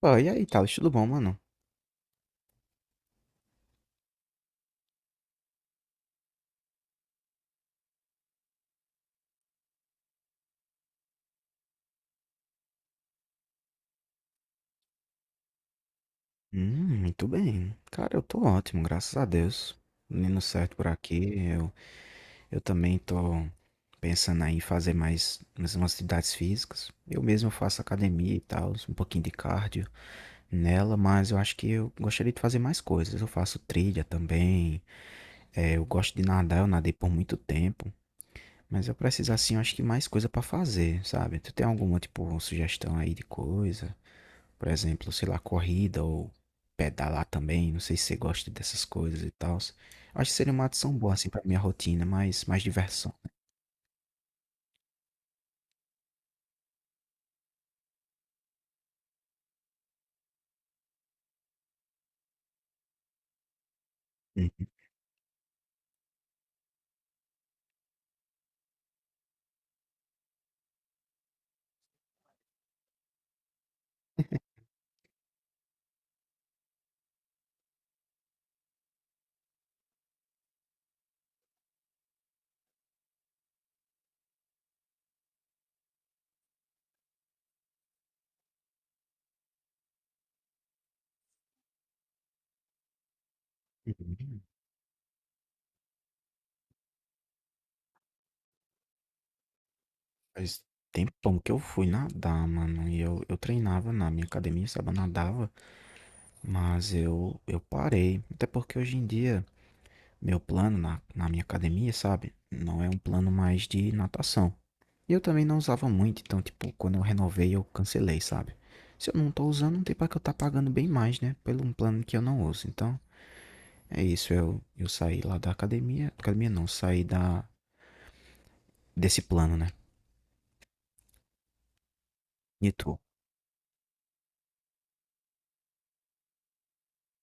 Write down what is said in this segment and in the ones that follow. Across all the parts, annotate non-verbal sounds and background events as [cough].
Pô, e aí, Thales, tudo bom, mano? Muito bem. Cara, eu tô ótimo, graças a Deus. Menino certo por aqui. Eu também tô pensando aí em fazer mais umas atividades físicas. Eu mesmo faço academia e tal, um pouquinho de cardio nela, mas eu acho que eu gostaria de fazer mais coisas. Eu faço trilha também. É, eu gosto de nadar, eu nadei por muito tempo. Mas eu preciso, assim, eu acho que mais coisa pra fazer, sabe? Tu tem alguma, tipo, sugestão aí de coisa? Por exemplo, sei lá, corrida ou pedalar também. Não sei se você gosta dessas coisas e tal. Acho que seria uma adição boa, assim, pra minha rotina, mas mais diversão. Né? Uhum. Faz tempão que eu fui nadar, mano. E eu treinava na minha academia, sabe? Eu nadava, mas eu parei. Até porque hoje em dia, meu plano na minha academia, sabe? Não é um plano mais de natação. E eu também não usava muito, então, tipo, quando eu renovei, eu cancelei, sabe? Se eu não tô usando, não tem pra que eu tá pagando bem mais, né? Pelo um plano que eu não uso. Então, é isso. Eu saí lá da academia. Academia não, saí desse plano, né? E tu?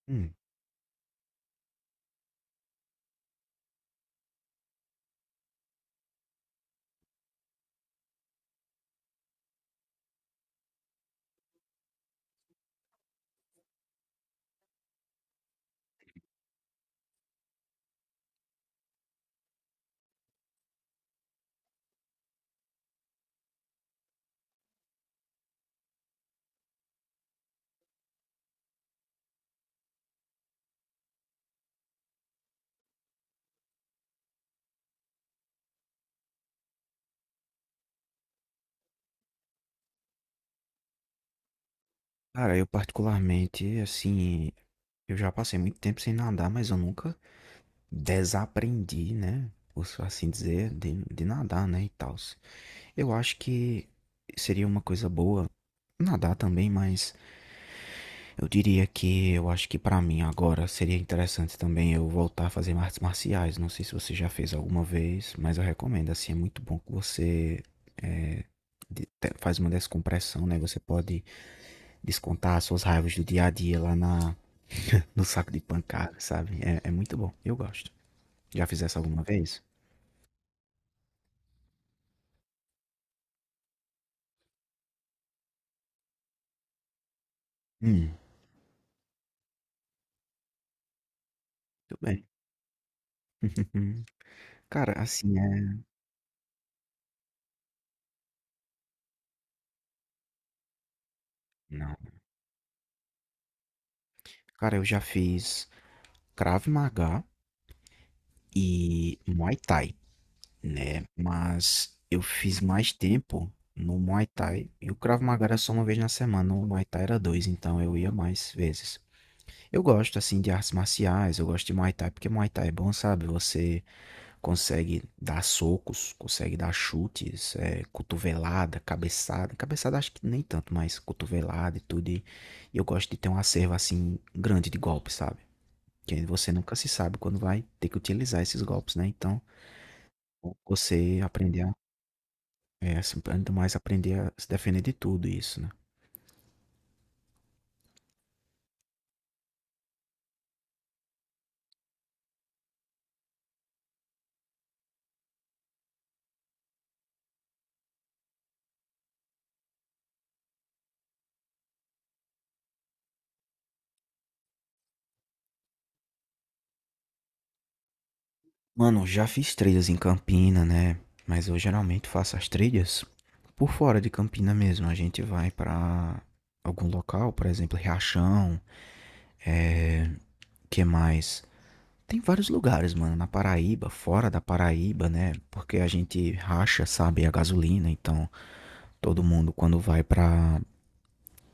Hum, cara, eu particularmente, assim, eu já passei muito tempo sem nadar, mas eu nunca desaprendi, né? Por assim dizer, de nadar, né? E tal. Eu acho que seria uma coisa boa nadar também, mas eu diria que eu acho que pra mim agora seria interessante também eu voltar a fazer artes marciais. Não sei se você já fez alguma vez, mas eu recomendo. Assim, é muito bom que você é, faz uma descompressão, né? Você pode descontar as suas raivas do dia a dia lá no saco de pancada, sabe? É muito bom. Eu gosto. Já fizesse alguma vez? Hum, tudo bem. [laughs] Cara, assim é. Não. Cara, eu já fiz Krav Maga e Muay Thai. Né? Mas eu fiz mais tempo no Muay Thai. E o Krav Maga era só uma vez na semana, o Muay Thai era dois, então eu ia mais vezes. Eu gosto, assim, de artes marciais, eu gosto de Muay Thai, porque Muay Thai é bom, sabe? Você consegue dar socos, consegue dar chutes, cotovelada, cabeçada. Cabeçada acho que nem tanto, mas cotovelada e tudo. E eu gosto de ter um acervo, assim, grande de golpes, sabe? Que você nunca se sabe quando vai ter que utilizar esses golpes, né? Então, você aprender assim, ainda mais aprender a se defender de tudo isso, né? Mano, já fiz trilhas em Campina, né? Mas eu geralmente faço as trilhas por fora de Campina mesmo. A gente vai pra algum local, por exemplo, Riachão, é... que mais? Tem vários lugares, mano, na Paraíba, fora da Paraíba, né? Porque a gente racha, sabe, a gasolina, então todo mundo quando vai pra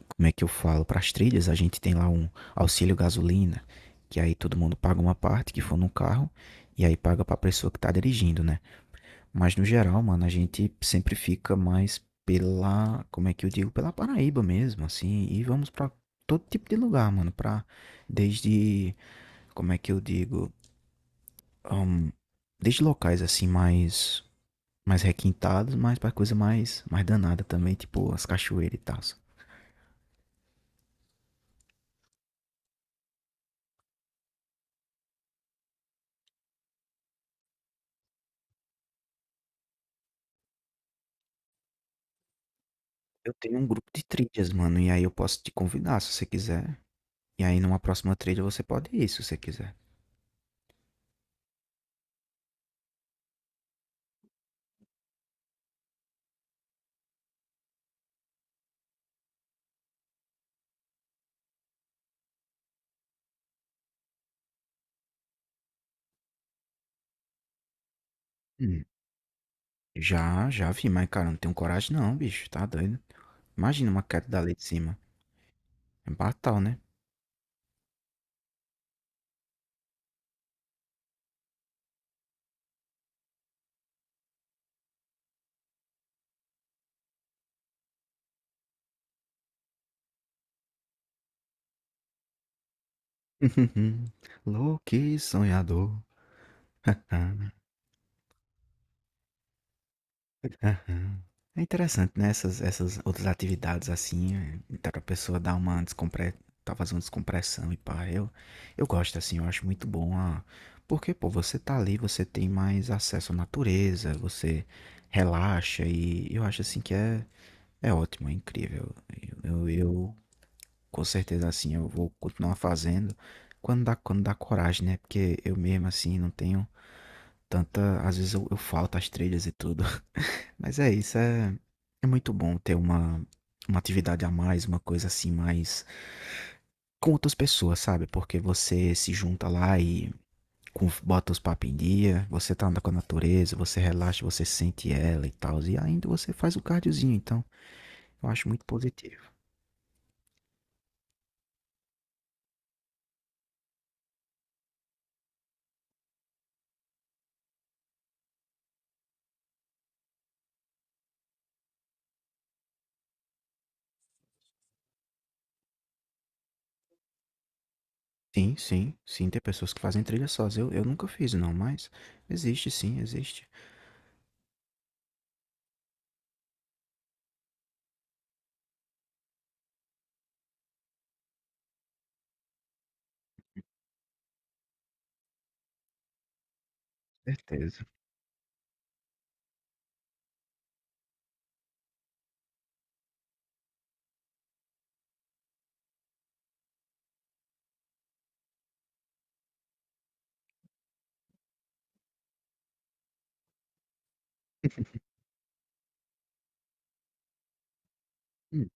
como é que eu falo, para as trilhas, a gente tem lá um auxílio gasolina, que aí todo mundo paga uma parte que for no carro e aí paga para a pessoa que tá dirigindo, né? Mas no geral, mano, a gente sempre fica mais pela, como é que eu digo, pela Paraíba mesmo, assim, e vamos para todo tipo de lugar, mano, para desde, como é que eu digo, ahn, desde locais assim mais requintados, mas para coisa mais danada também, tipo as cachoeiras e tal. Eu tenho um grupo de trilhas, mano, e aí eu posso te convidar se você quiser. E aí numa próxima trilha você pode ir se você quiser. Hum. Já vi, mas cara, eu não tenho coragem não, bicho, tá doido? Imagina uma queda dali de cima. É fatal, né? [laughs] Louco e sonhador. [laughs] Aham. É interessante, né, essas outras atividades, assim, dá pra pessoa dar uma descompre tá fazendo descompressão e pá, eu gosto, assim, eu acho muito bom a porque, pô, você tá ali, você tem mais acesso à natureza, você relaxa e eu acho, assim, que é ótimo, é incrível. Eu, com certeza, assim, eu vou continuar fazendo quando dá coragem, né, porque eu mesmo, assim, não tenho tanta às vezes eu falto às trilhas e tudo. Mas é isso, é muito bom ter uma atividade a mais, uma coisa assim mais com outras pessoas, sabe? Porque você se junta lá e bota os papos em dia, você tá andando com a natureza, você relaxa, você sente ela e tal, e ainda você faz o cardiozinho, então eu acho muito positivo. Sim, sim, sim, tem pessoas que fazem trilha sós. Eu nunca fiz, não, mas existe, sim, existe. Certeza. Hum.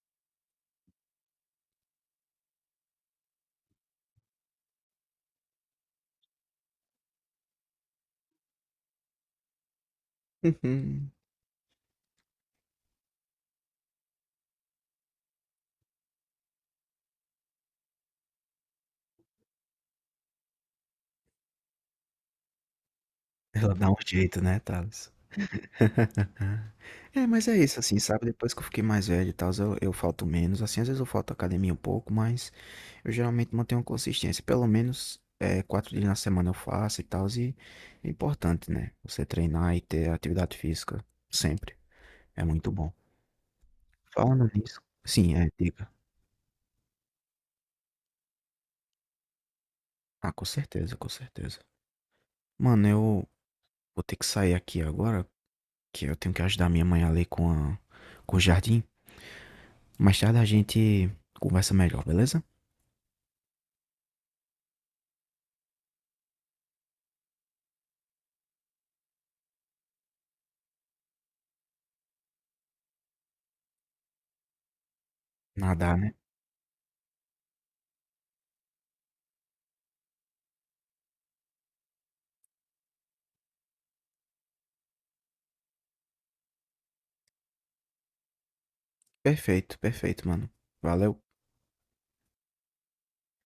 [laughs] Ela dá um jeito, né, Thales? É, mas é isso, assim, sabe? Depois que eu fiquei mais velho e tal, eu falto menos. Assim, às vezes eu falto à academia um pouco, mas eu geralmente mantenho uma consistência. Pelo menos 4 dias na semana eu faço e tal. E é importante, né? Você treinar e ter atividade física sempre. É muito bom. Falando nisso. Sim, é, diga. Ah, com certeza, com certeza. Mano, eu vou ter que sair aqui agora, que eu tenho que ajudar minha mãe ali com o jardim. Mais tarde a gente conversa melhor, beleza? Nada, né? Perfeito, perfeito, mano. Valeu.